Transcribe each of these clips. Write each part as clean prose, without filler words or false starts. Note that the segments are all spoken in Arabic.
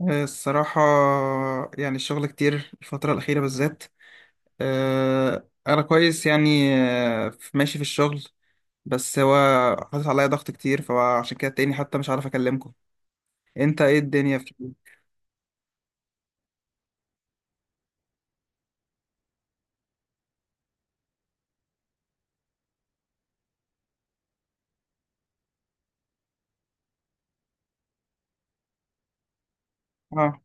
الصراحة يعني الشغل كتير الفترة الأخيرة بالذات. أنا كويس يعني ماشي في الشغل. بس هو حاطط عليا ضغط كتير، فعشان كده تاني حتى مش عارف أكلمكم. أنت إيه الدنيا في؟ آه.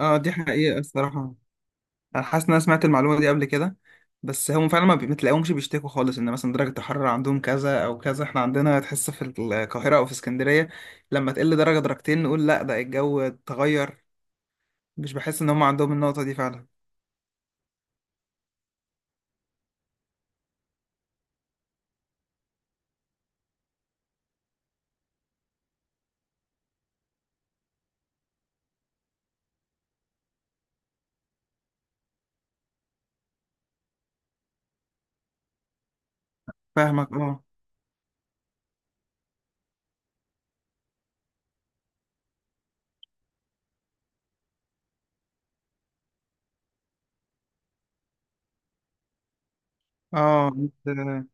آه، دي حقيقة الصراحة. أنا حاسس إن أنا سمعت المعلومة دي قبل كده، بس هم فعلا ما بتلاقيهمش بيشتكوا خالص إن مثلا درجة الحرارة عندهم كذا أو كذا. إحنا عندنا تحس في القاهرة أو في اسكندرية لما تقل درجة درجتين نقول لأ ده الجو اتغير. مش بحس إن هم عندهم النقطة دي فعلا. فاهمك، اه. اه انت-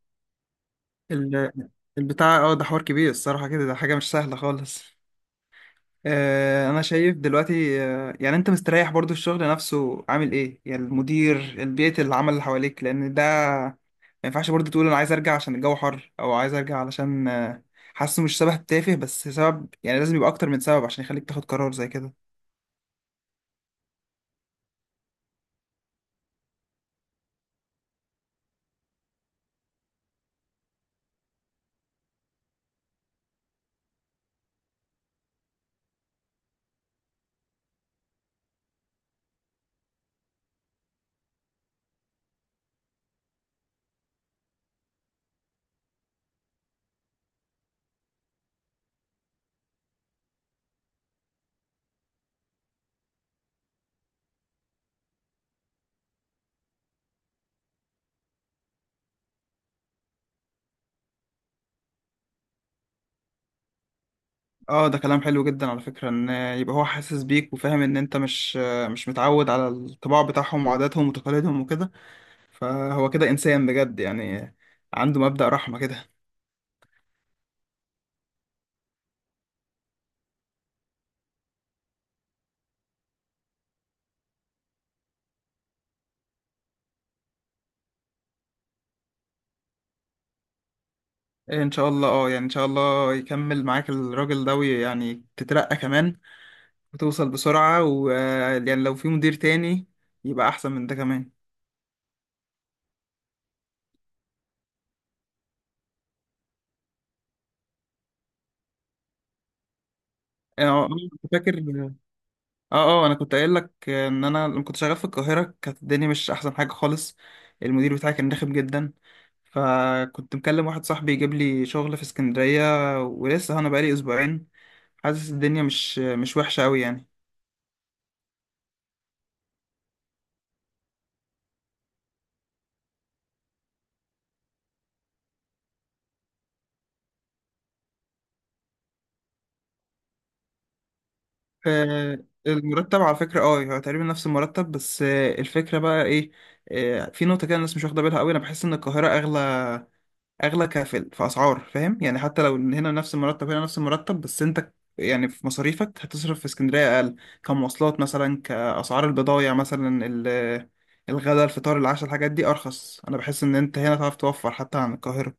ال- البتاع، اه، ده حوار كبير الصراحة كده، ده حاجة مش سهلة خالص. آه، انا شايف دلوقتي، آه، يعني انت مستريح؟ برضو الشغل نفسه عامل ايه يعني؟ المدير، البيئة، العمل اللي حواليك، لان ده ما ينفعش برضو تقول انا عايز ارجع عشان الجو حر، او عايز ارجع علشان حاسه. مش سبب تافه بس سبب، يعني لازم يبقى اكتر من سبب عشان يخليك تاخد قرار زي كده. اه، ده كلام حلو جدا على فكرة، ان يبقى هو حاسس بيك وفاهم ان انت مش مش متعود على الطباع بتاعهم وعاداتهم وتقاليدهم وكده. فهو كده إنسان بجد يعني، عنده مبدأ رحمة كده. إيه إن شاء الله، أه، يعني إن شاء الله يكمل معاك الراجل ده، ويعني تترقى كمان وتوصل بسرعة، ويعني لو في مدير تاني يبقى أحسن من ده كمان. أنا كنت فاكر، أه أه، أنا كنت قايل لك إن أنا لما كنت شغال في القاهرة كانت الدنيا مش أحسن حاجة خالص. المدير بتاعي كان رخم جدا، فكنت مكلم واحد صاحبي يجيب لي شغل في اسكندرية، ولسه أنا بقالي أسبوعين حاسس الدنيا مش مش وحشة أوي يعني. آه، المرتب على فكرة، اه، هو تقريبا نفس المرتب، بس الفكرة بقى ايه؟ آه، في نقطة كده الناس مش واخدة بالها قوي. انا بحس ان القاهرة اغلى، اغلى كفل في اسعار، فاهم يعني؟ حتى لو إن هنا نفس المرتب، هنا نفس المرتب بس انت يعني في مصاريفك هتصرف في اسكندرية اقل. كمواصلات مثلا، كاسعار البضايع مثلا، الغداء الفطار العشاء، الحاجات دي ارخص. انا بحس ان انت هنا تعرف توفر حتى عن القاهرة.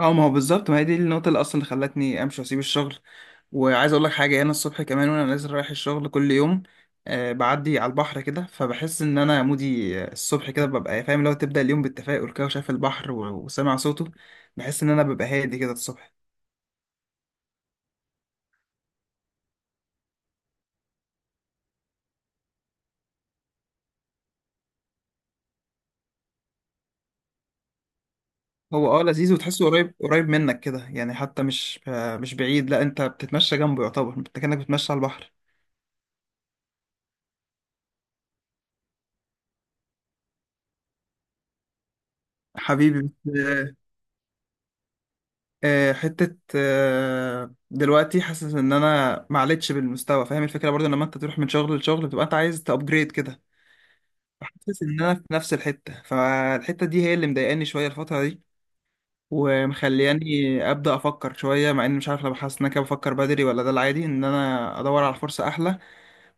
اه، ما هو بالظبط، ما هي دي النقطة اللي أصلا اللي خلتني أمشي وأسيب الشغل. وعايز أقول لك حاجة، أنا الصبح كمان وأنا نازل رايح الشغل كل يوم، آه، بعدي على البحر كده، فبحس إن أنا مودي. الصبح كده ببقى فاهم، لو تبدأ اليوم بالتفاؤل كده وشايف البحر وسامع صوته، بحس إن أنا ببقى هادي كده الصبح. هو اه لذيذ، وتحسه قريب منك كده يعني، حتى مش مش بعيد. لا، أنت بتتمشى جنبه، يعتبر أنت كأنك بتتمشى على البحر. حبيبي. آه، حتة آه، دلوقتي حاسس ان انا ما عليتش بالمستوى، فاهم الفكرة؟ برضو لما انت تروح من شغل لشغل بتبقى انت عايز تابجريد كده، فحاسس ان انا في نفس الحتة، فالحتة دي هي اللي مضايقاني شوية الفترة دي، ومخلياني ابدا افكر شوية. مع اني مش عارف، لو حاسس ان انا كده بفكر بدري، ولا ده العادي ان انا ادور على فرصة احلى.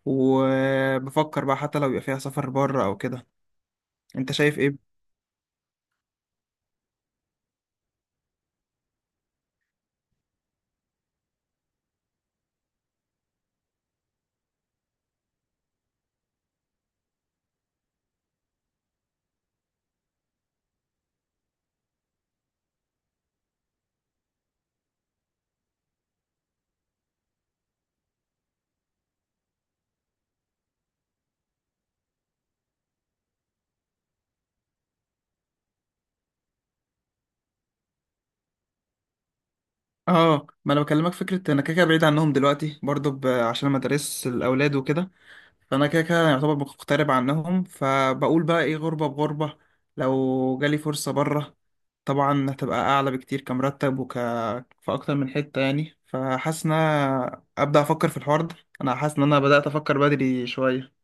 وبفكر بقى حتى لو يبقى فيها سفر بره او كده. انت شايف ايه؟ اه، ما انا بكلمك فكرة، انا كده كده بعيد عنهم دلوقتي برضو، عشان مدارس الاولاد وكده، فانا كده كده يعتبر مغترب عنهم، فبقول بقى ايه، غربة بغربة. لو جالي فرصة بره، طبعا هتبقى اعلى بكتير كمرتب وك في اكتر من حتة يعني. فحاسس ان أنا ابدا افكر في الحوار ده، انا حاسس ان انا بدات افكر بدري شوية.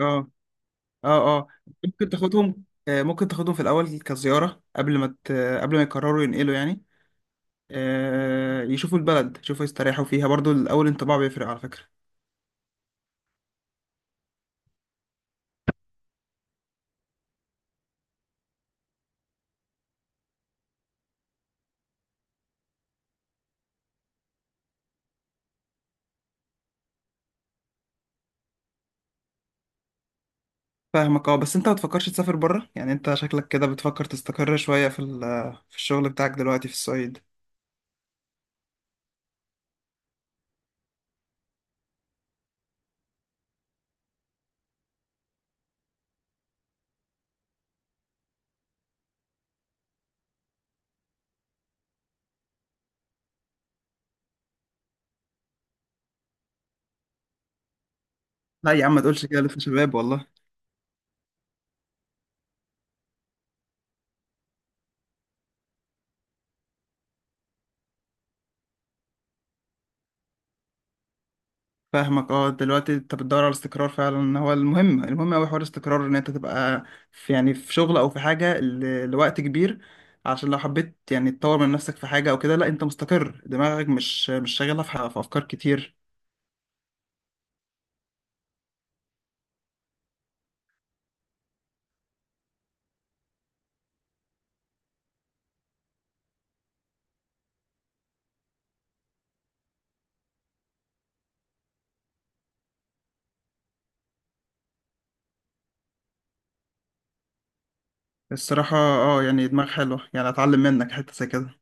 اه اه اه. ممكن تاخدهم، ممكن تاخدهم في الاول كزيارة، قبل ما يقرروا ينقلوا يعني. آه، يشوفوا البلد، يشوفوا يستريحوا فيها برضو. الاول انطباع بيفرق على فكرة. فاهمك، اه، بس انت ما تفكرش تسافر بره يعني؟ انت شكلك كده بتفكر تستقر شوية في الشغل بتاعك دلوقتي في الصعيد. لا يا عم ما تقولش كده، لسه شباب والله. فاهمك اه. دلوقتي انت بتدور على الاستقرار فعلا، هو المهم، المهم اوي حوار الاستقرار، ان انت تبقى في، يعني في شغل او في حاجة لوقت كبير. عشان لو حبيت يعني تطور من نفسك في حاجة او كده، لا انت مستقر، دماغك مش مش شاغلها في افكار كتير. الصراحة، اه، يعني دماغ حلوة، يعني اتعلم منك حتة زي كده.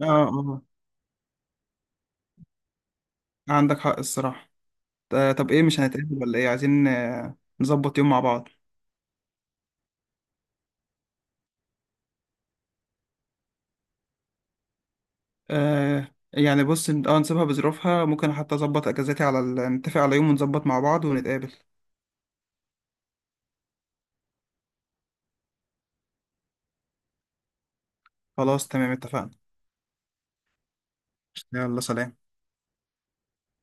اه اه، عندك حق الصراحة. آه، طب ايه، مش هنتقابل ولا ايه؟ عايزين، آه، نظبط يوم مع بعض. آه، يعني بص، اه نسيبها بظروفها. ممكن حتى اظبط اجازتي على ال... نتفق على يوم ونظبط مع بعض ونتقابل. خلاص تمام، اتفقنا. يلا سلام.